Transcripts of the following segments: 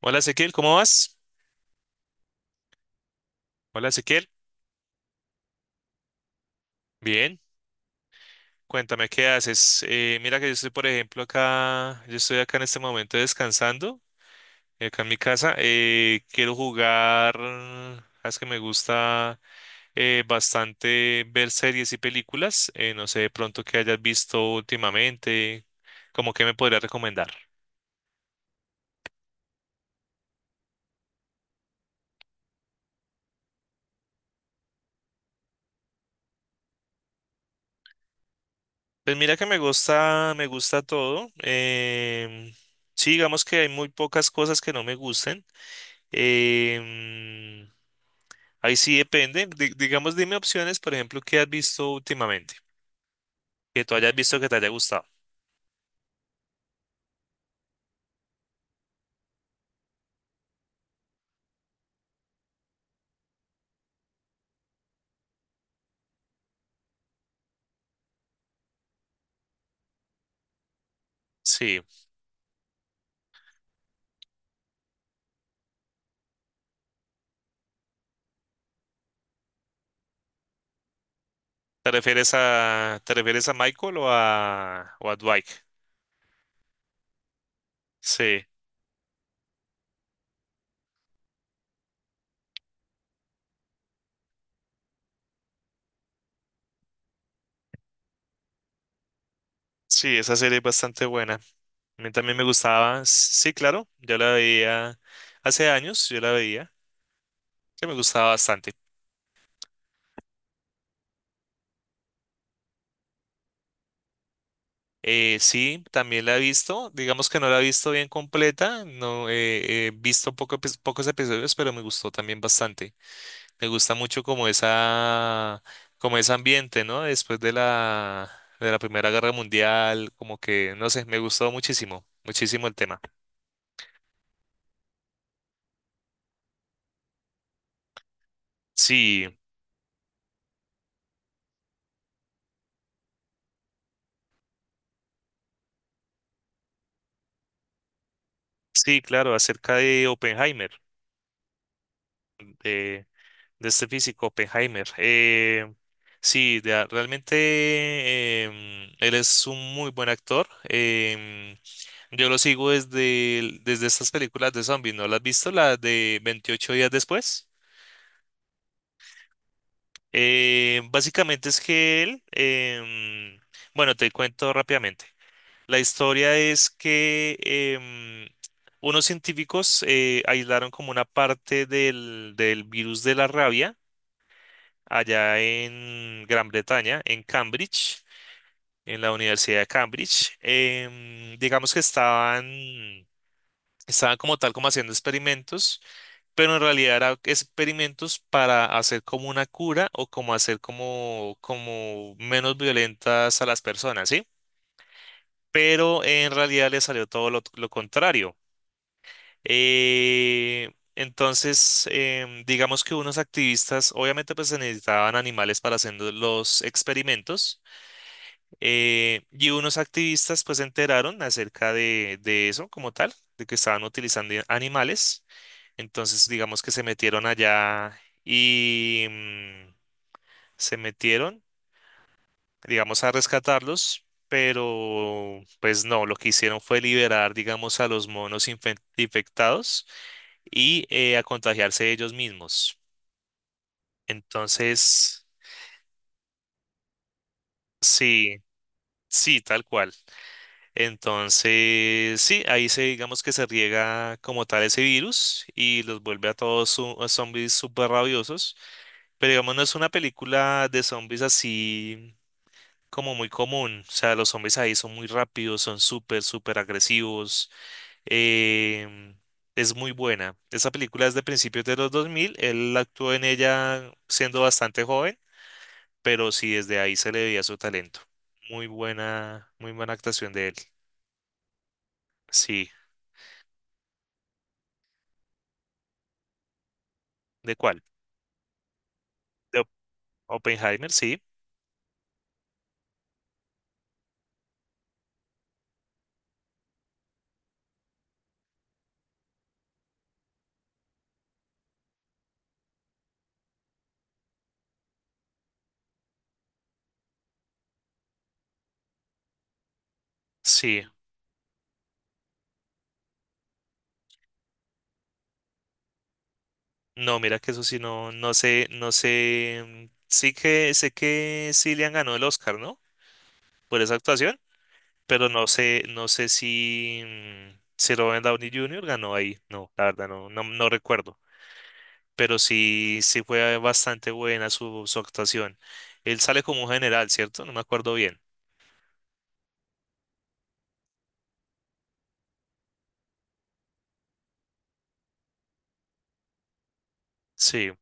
Hola Ezequiel, ¿cómo vas? Hola Ezequiel, bien, cuéntame qué haces. Mira que yo estoy, por ejemplo, acá, yo estoy acá en este momento descansando, acá en mi casa. Quiero jugar, es que me gusta bastante ver series y películas. No sé de pronto qué hayas visto últimamente, como que me podrías recomendar. Pues mira que me gusta todo. Sí, digamos que hay muy pocas cosas que no me gusten. em, Ahí sí depende. Digamos, dime opciones, por ejemplo, que has visto últimamente, que tú hayas visto que te haya gustado. Sí. ¿Te refieres a Michael o a Dwight? Sí, sí, esa serie es bastante buena. A mí también me gustaba. Sí, claro, yo la veía hace años, yo la veía, que me gustaba bastante. Sí, también la he visto. Digamos que no la he visto bien completa. No he visto pocos episodios, pero me gustó también bastante. Me gusta mucho como esa, como ese ambiente, ¿no? Después de la Primera Guerra Mundial, como que, no sé, me gustó muchísimo, muchísimo el tema. Sí, sí, claro, acerca de Oppenheimer. eh, de este físico, Oppenheimer. Sí, realmente él es un muy buen actor. Yo lo sigo desde estas películas de zombies, ¿no las has visto? La de 28 días después. Básicamente es que él, bueno, te cuento rápidamente. La historia es que unos científicos aislaron como una parte del virus de la rabia allá en Gran Bretaña, en Cambridge, en la Universidad de Cambridge. Digamos que estaban como tal como haciendo experimentos, pero en realidad eran experimentos para hacer como una cura o como hacer como menos violentas a las personas, ¿sí? Pero en realidad le salió todo lo contrario. Entonces, digamos que unos activistas, obviamente pues se necesitaban animales para hacer los experimentos. Y unos activistas pues se enteraron acerca de eso como tal, de que estaban utilizando animales. Entonces digamos que se metieron allá y se metieron, digamos, a rescatarlos, pero pues no, lo que hicieron fue liberar, digamos, a los monos infectados y a contagiarse ellos mismos. Entonces, sí, sí, tal cual. Entonces, sí, ahí se digamos que se riega como tal ese virus y los vuelve a todos a zombies súper rabiosos. Pero digamos, no es una película de zombies así como muy común. O sea, los zombies ahí son muy rápidos, son súper, súper agresivos. em, es muy buena. Esa película es de principios de los 2000. Él actuó en ella siendo bastante joven, pero sí, desde ahí se le veía su talento. Muy buena actuación de él. Sí, ¿de cuál? De Oppenheimer, sí, sí. No, mira que eso sí, no, no sé. Sí que sé que Cillian ganó el Oscar, ¿no? Por esa actuación, pero no sé si, si Robert Downey Jr. ganó ahí. No, la verdad, no, no, no recuerdo. Pero sí, sí fue bastante buena su actuación. Él sale como un general, ¿cierto? No me acuerdo bien. Sí.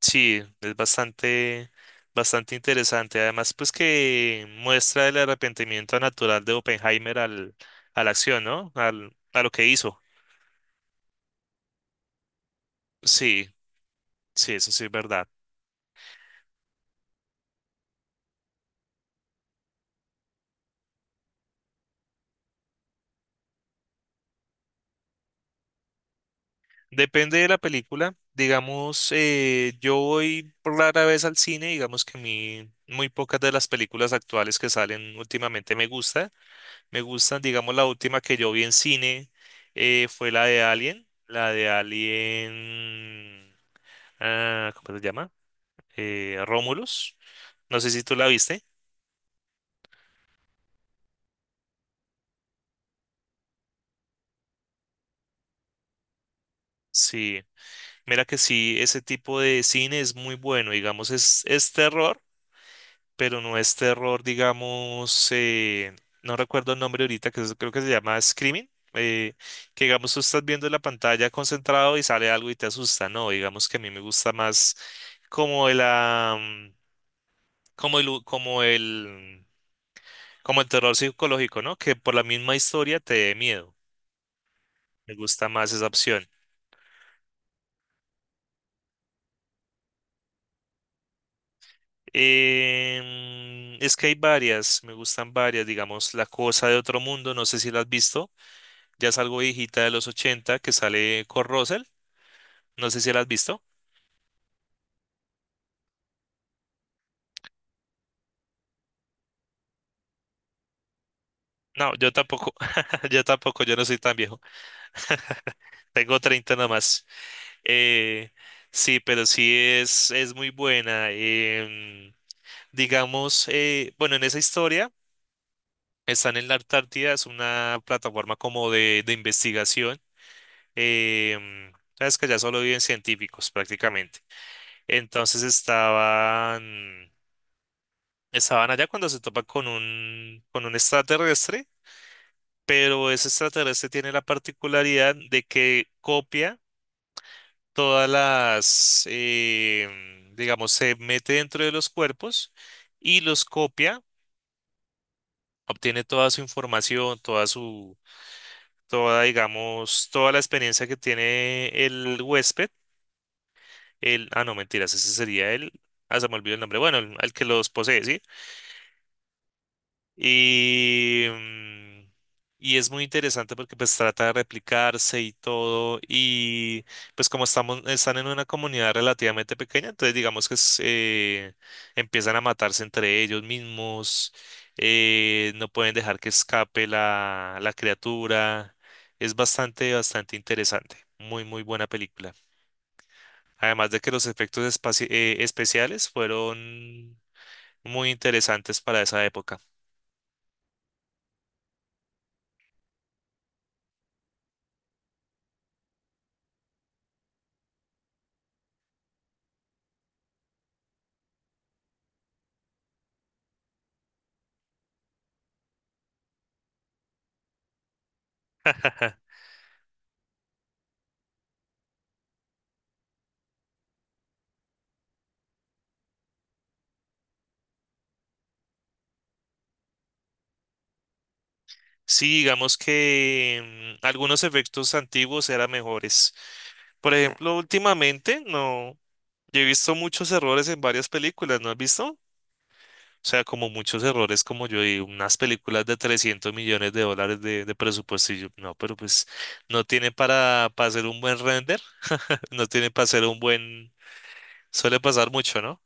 Sí, es bastante, bastante interesante. Además, pues que muestra el arrepentimiento natural de Oppenheimer a la acción, ¿no? A lo que hizo. Sí, sí, eso sí es verdad. Depende de la película. Digamos, yo voy rara vez al cine, digamos que a mí muy pocas de las películas actuales que salen últimamente me gusta. Me gustan, digamos, la última que yo vi en cine fue la de Alien, ah, ¿cómo se llama? Romulus. No sé si tú la viste. Sí, mira que sí, ese tipo de cine es muy bueno, digamos, es terror, pero no es terror, digamos, no recuerdo el nombre ahorita, creo que se llama Screaming, que digamos tú estás viendo la pantalla concentrado y sale algo y te asusta, no, digamos que a mí me gusta más como el, ah, mm, como el, como el, como el terror psicológico, ¿no? Que por la misma historia te dé miedo, me gusta más esa opción. Es que hay varias, me gustan varias, digamos, La Cosa de Otro Mundo, no sé si la has visto, ya es algo viejita de los 80 que sale con Russell, no sé si la has visto. No, yo tampoco, yo tampoco, yo no soy tan viejo. Tengo 30 nomás. Eh, sí, pero sí es muy buena. Digamos, bueno, en esa historia están en la Antártida, es una plataforma como de investigación, em, sabes que allá solo viven científicos prácticamente. Entonces estaban, allá cuando se topa con un extraterrestre, pero ese extraterrestre tiene la particularidad de que copia todas las, digamos, se mete dentro de los cuerpos y los copia, obtiene toda su información, toda su, toda, digamos, toda la experiencia que tiene el huésped. El, ah, no, mentiras, ese sería el. Ah, se me olvidó el nombre. Bueno, el que los posee, ¿sí? Y, mm, y es muy interesante porque pues trata de replicarse y todo. Y pues como estamos, están en una comunidad relativamente pequeña, entonces digamos que empiezan a matarse entre ellos mismos. No pueden dejar que escape la criatura. Es bastante, bastante interesante. Muy, muy buena película. Además de que los efectos especiales fueron muy interesantes para esa época. Sí, digamos que algunos efectos antiguos eran mejores. Por ejemplo, últimamente no, yo he visto muchos errores en varias películas, ¿no has visto? O sea, como muchos errores, como yo digo, unas películas de $300 millones de presupuesto y yo, no, pero pues no tiene para hacer un buen render, no tiene para hacer un buen, suele pasar mucho, ¿no?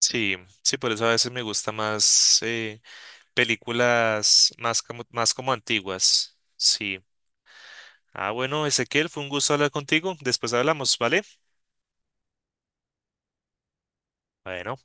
Sí, sí, por eso a veces me gusta más películas más como antiguas. Sí. Ah, bueno, Ezequiel, fue un gusto hablar contigo. Después hablamos, ¿vale? Bueno.